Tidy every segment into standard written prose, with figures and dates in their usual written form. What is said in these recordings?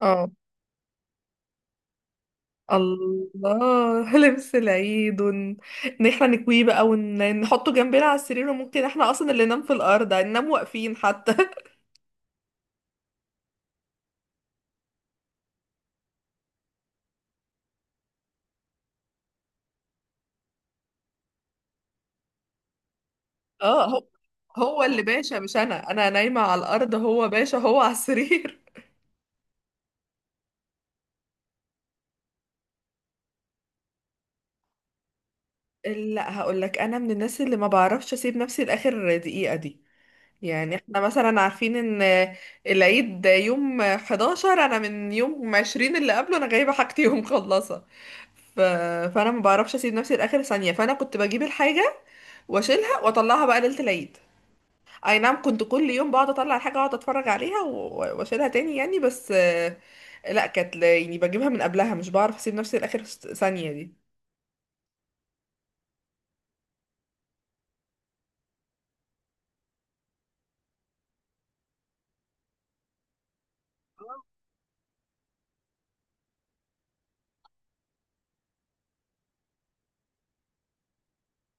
اه، الله لبس العيد ان احنا نكويه بقى ونحطه جنبنا على السرير، وممكن احنا اصلا اللي ننام في الارض هننام واقفين حتى. اه، هو اللي باشا، مش انا نايمة على الارض، هو باشا هو على السرير. لا، هقول لك انا من الناس اللي ما بعرفش اسيب نفسي لاخر دقيقة دي. يعني احنا مثلا عارفين ان العيد يوم 11، انا من يوم 20 اللي قبله انا جايبه حاجتي ومخلصه. ف... فانا ما بعرفش اسيب نفسي لاخر ثانيه، فانا كنت بجيب الحاجه واشيلها واطلعها بقى ليله العيد. اي نعم، كنت كل يوم بقعد اطلع الحاجه، اقعد اتفرج عليها واشيلها تاني يعني، بس لا، كانت يعني بجيبها من قبلها، مش بعرف اسيب نفسي لاخر ثانيه دي.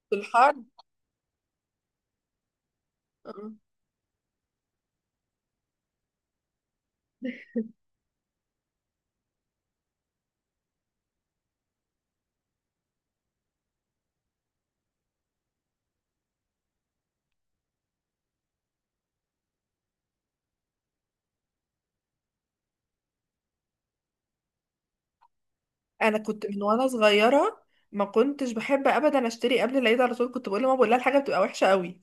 في الحر، انا كنت من وانا صغيره ما كنتش بحب ابدا اشتري قبل العيد، على طول كنت بقول لماما، بقول لها الحاجه بتبقى وحشه قوي.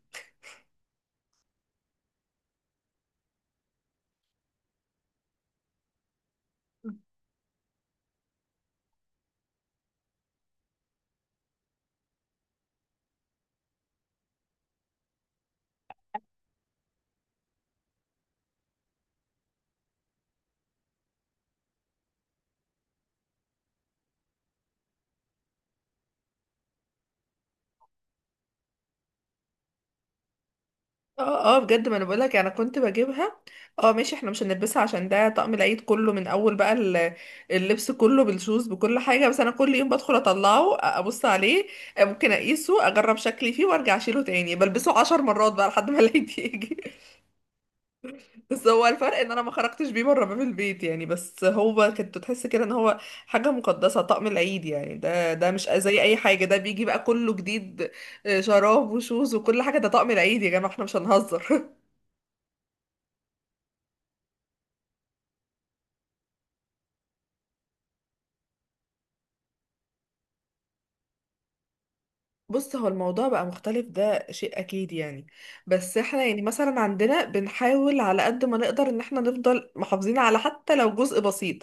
اه اه بجد، ما انا بقول لك انا كنت بجيبها. اه ماشي، احنا مش هنلبسها عشان ده طقم العيد كله، من اول بقى اللبس كله بالشوز بكل حاجه، بس انا كل يوم بدخل اطلعه، ابص عليه، ممكن اقيسه اجرب شكلي فيه وارجع اشيله تاني، بلبسه عشر مرات بقى لحد ما العيد يجي. بس هو الفرق ان انا ما خرجتش بيه بره باب البيت يعني، بس هو كنت تحس كده ان هو حاجه مقدسه، طقم العيد يعني، ده مش زي اي حاجه، ده بيجي بقى كله جديد، شراب وشوز وكل حاجه، ده طقم العيد يا جماعه، احنا مش هنهزر. بص، هو الموضوع بقى مختلف، ده شيء اكيد يعني، بس احنا يعني مثلا عندنا بنحاول على قد ما نقدر ان احنا نفضل محافظين، على حتى لو جزء بسيط.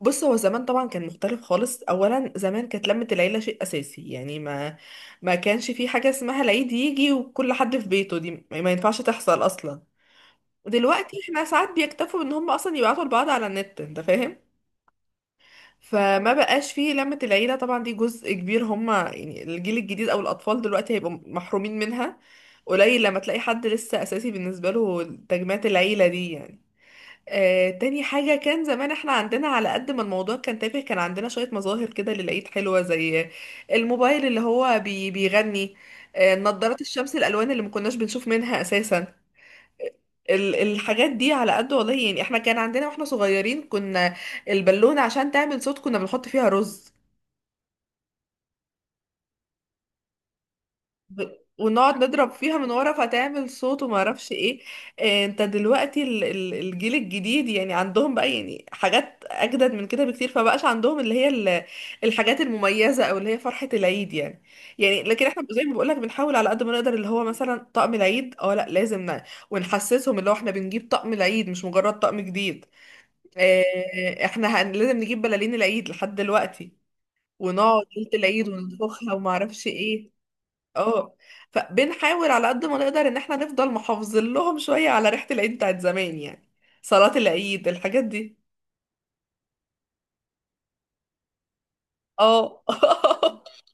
بص، هو زمان طبعا كان مختلف خالص، اولا زمان كانت لمة العيلة شيء اساسي يعني، ما كانش في حاجة اسمها العيد يجي وكل حد في بيته، دي ما ينفعش تحصل اصلا. دلوقتي احنا ساعات بيكتفوا ان هم اصلا يبعتوا لبعض على النت، انت فاهم، فما بقاش فيه لمة العيلة. طبعا دي جزء كبير هما، يعني الجيل الجديد او الاطفال دلوقتي هيبقوا محرومين منها. قليل لما تلاقي حد لسه اساسي بالنسبة له تجمعات العيلة دي يعني. تاني حاجة، كان زمان احنا عندنا على قد ما الموضوع كان تافه، كان عندنا شوية مظاهر كده للعيد حلوة، زي الموبايل اللي هو بي بيغني، نظارات الشمس الألوان اللي ما كناش بنشوف منها أساسا. الحاجات دي على قد والله يعني، احنا كان عندنا واحنا صغيرين، كنا البالونة عشان تعمل صوت كنا بنحط فيها رز ب- ونقعد نضرب فيها من ورا فتعمل صوت وما اعرفش ايه. انت دلوقتي الجيل الجديد يعني عندهم بقى يعني حاجات اجدد من كده بكتير، فبقاش عندهم اللي هي الحاجات المميزه، او اللي هي فرحه العيد يعني. يعني لكن احنا زي ما بقولك بنحاول على قد ما نقدر، اللي هو مثلا طقم العيد، اه لا لازم ونحسسهم اللي هو احنا بنجيب طقم العيد مش مجرد طقم جديد. احنا لازم نجيب بلالين العيد لحد دلوقتي، ونقعد ليله العيد وننفخها وما اعرفش ايه. اه، فبنحاول على قد ما نقدر ان احنا نفضل محافظين لهم شوية على ريحة العيد بتاعت زمان يعني، صلاة العيد، الحاجات دي. اه.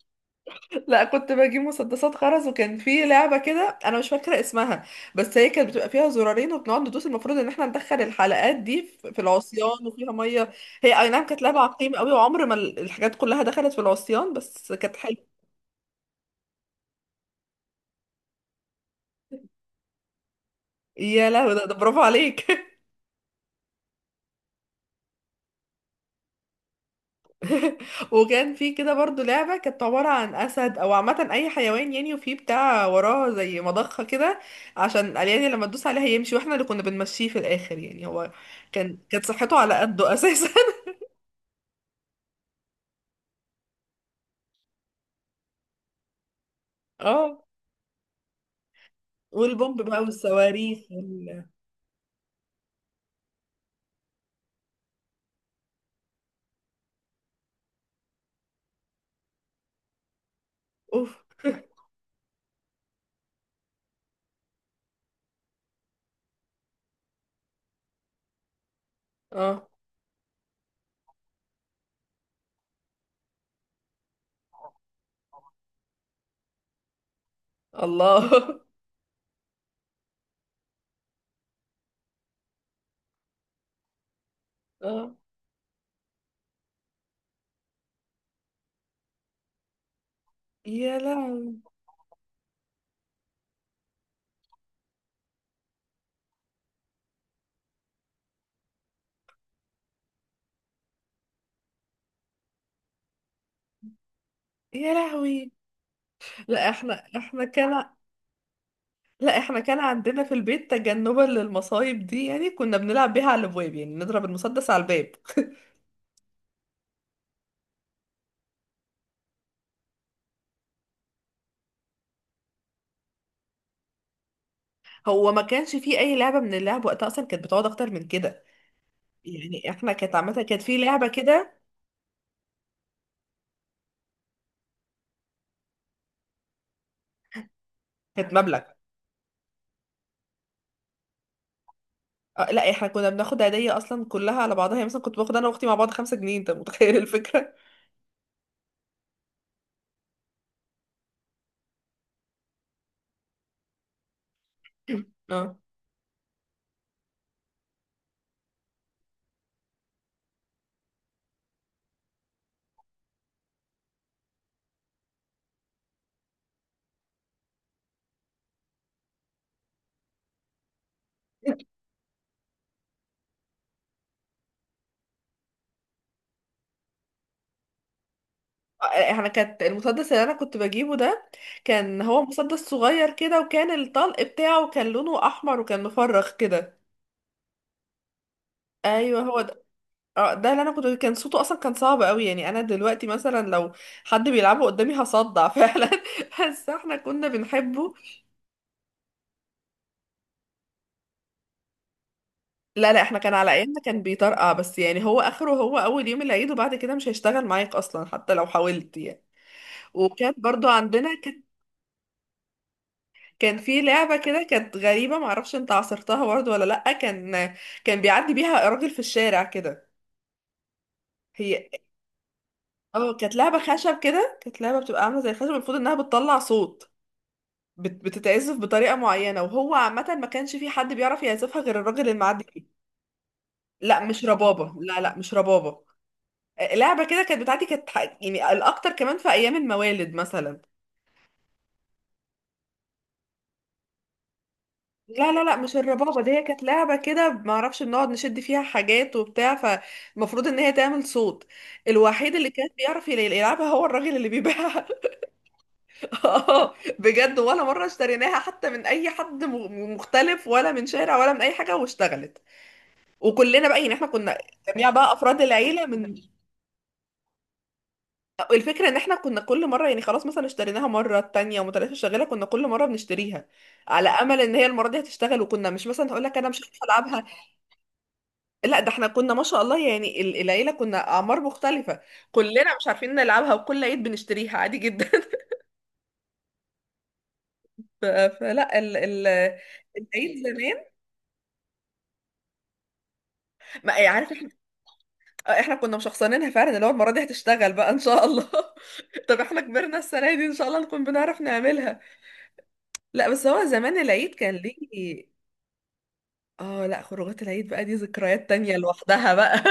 لا، كنت بجيب مسدسات خرز، وكان في لعبة كده انا مش فاكرة اسمها، بس هي كانت بتبقى فيها زرارين، وبنقعد ندوس، المفروض ان احنا ندخل الحلقات دي في العصيان وفيها مية. هي اي نعم كانت لعبة عقيمة قوي، وعمر ما الحاجات كلها دخلت في العصيان، بس كانت حلوة. يا لهوي، ده، ده برافو عليك. وكان في كده برضو لعبة كانت عبارة عن أسد، أو عامة أي حيوان يعني، وفي بتاع وراه زي مضخة كده، عشان الأليان لما تدوس عليها يمشي، واحنا اللي كنا بنمشيه في الآخر يعني، هو كان كانت صحته على قده أساسا. اه. والبومب بقى والصواريخ أوف. اه، الله. اه. يا لهوي، يا لهوي. لا احنا احنا كان، لا احنا كان عندنا في البيت تجنبا للمصايب دي يعني، كنا بنلعب بيها على الابواب، يعني نضرب المسدس على الباب. هو ما كانش فيه اي لعبه من اللعب وقتها اصلا كانت بتقعد اكتر من كده. يعني احنا كانت عامه كانت في لعبه كده، كانت مبلغ. أه لا، احنا كنا بناخد هديه اصلا كلها على بعضها يعني، مثلا كنت باخد انا واختي مع بعض خمسة جنيه، انت متخيل الفكره. اه، احنا كانت المسدس اللي انا كنت بجيبه ده، كان هو مسدس صغير كده، وكان الطلق بتاعه كان لونه احمر وكان مفرخ كده. ايوه، هو ده. اه ده اللي انا كنت، كان صوته اصلا كان صعب قوي يعني، انا دلوقتي مثلا لو حد بيلعبه قدامي هصدع فعلا، بس احنا كنا بنحبه. لا لا احنا كان على ايامنا كان بيطرقع، بس يعني هو اخره هو اول يوم العيد، وبعد كده مش هيشتغل معاك اصلا حتى لو حاولت يعني. وكانت برضو عندنا كان كان في لعبة كده كانت غريبة، معرفش انت عصرتها برضو ولا لأ، كان كان بيعدي بيها راجل في الشارع كده. هي اه كانت لعبة خشب كده، كانت لعبة بتبقى عاملة زي الخشب، المفروض انها بتطلع صوت، بتتعزف بطريقة معينة، وهو عامة ما كانش في حد بيعرف يعزفها غير الراجل المعدي فيه. لا مش ربابة، لا لا مش ربابة. لعبة كده كانت بتاعتي، كانت يعني الأكتر كمان في أيام الموالد مثلا. لا لا لا مش الربابة دي، هي كانت لعبة كده ما اعرفش، بنقعد نشد فيها حاجات وبتاع، فالمفروض ان هي تعمل صوت، الوحيد اللي كان بيعرف يلعبها هو الراجل اللي بيبيعها. اه بجد، ولا مرة اشتريناها حتى من اي حد مختلف، ولا من شارع، ولا من اي حاجة واشتغلت. وكلنا بقى يعني احنا كنا جميع بقى افراد العيله، من الفكره ان احنا كنا كل مره يعني، خلاص مثلا اشتريناها مره التانية ومتلاته شغاله، كنا كل مره بنشتريها على امل ان هي المره دي هتشتغل، وكنا مش مثلا، هقول لك انا مش هعرف العبها. لا ده احنا كنا ما شاء الله يعني، العيله كنا اعمار مختلفه، كلنا مش عارفين نلعبها، وكل عيد بنشتريها عادي جدا. فلا ال ال العيد زمان، ما يعني، عارف، احنا احنا كنا مشخصنينها فعلا، اللي هو المره دي هتشتغل بقى ان شاء الله. طب احنا كبرنا السنه دي، ان شاء الله نكون بنعرف نعملها. لا بس هو زمان العيد كان ليه، اه لا، خروجات العيد بقى دي ذكريات تانية لوحدها بقى.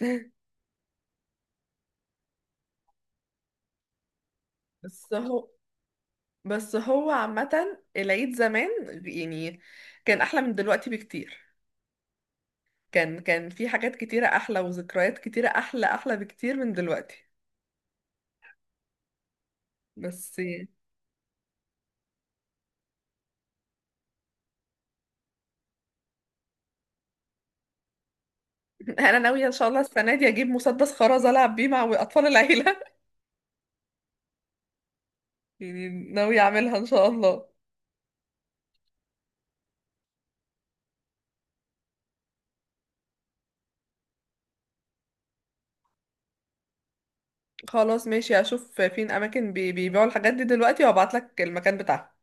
بس هو بس هو عامة العيد زمان يعني كان أحلى من دلوقتي بكتير، كان كان في حاجات كتيرة أحلى وذكريات كتيرة أحلى، أحلى بكتير من دلوقتي بس. أنا ناوية إن شاء الله السنة دي أجيب مسدس خرز ألعب بيه مع أطفال العيلة، يعني ناوية أعملها إن شاء الله. خلاص ماشي، هشوف فين أماكن بيبيعوا الحاجات دي دلوقتي وأبعتلك المكان بتاعها.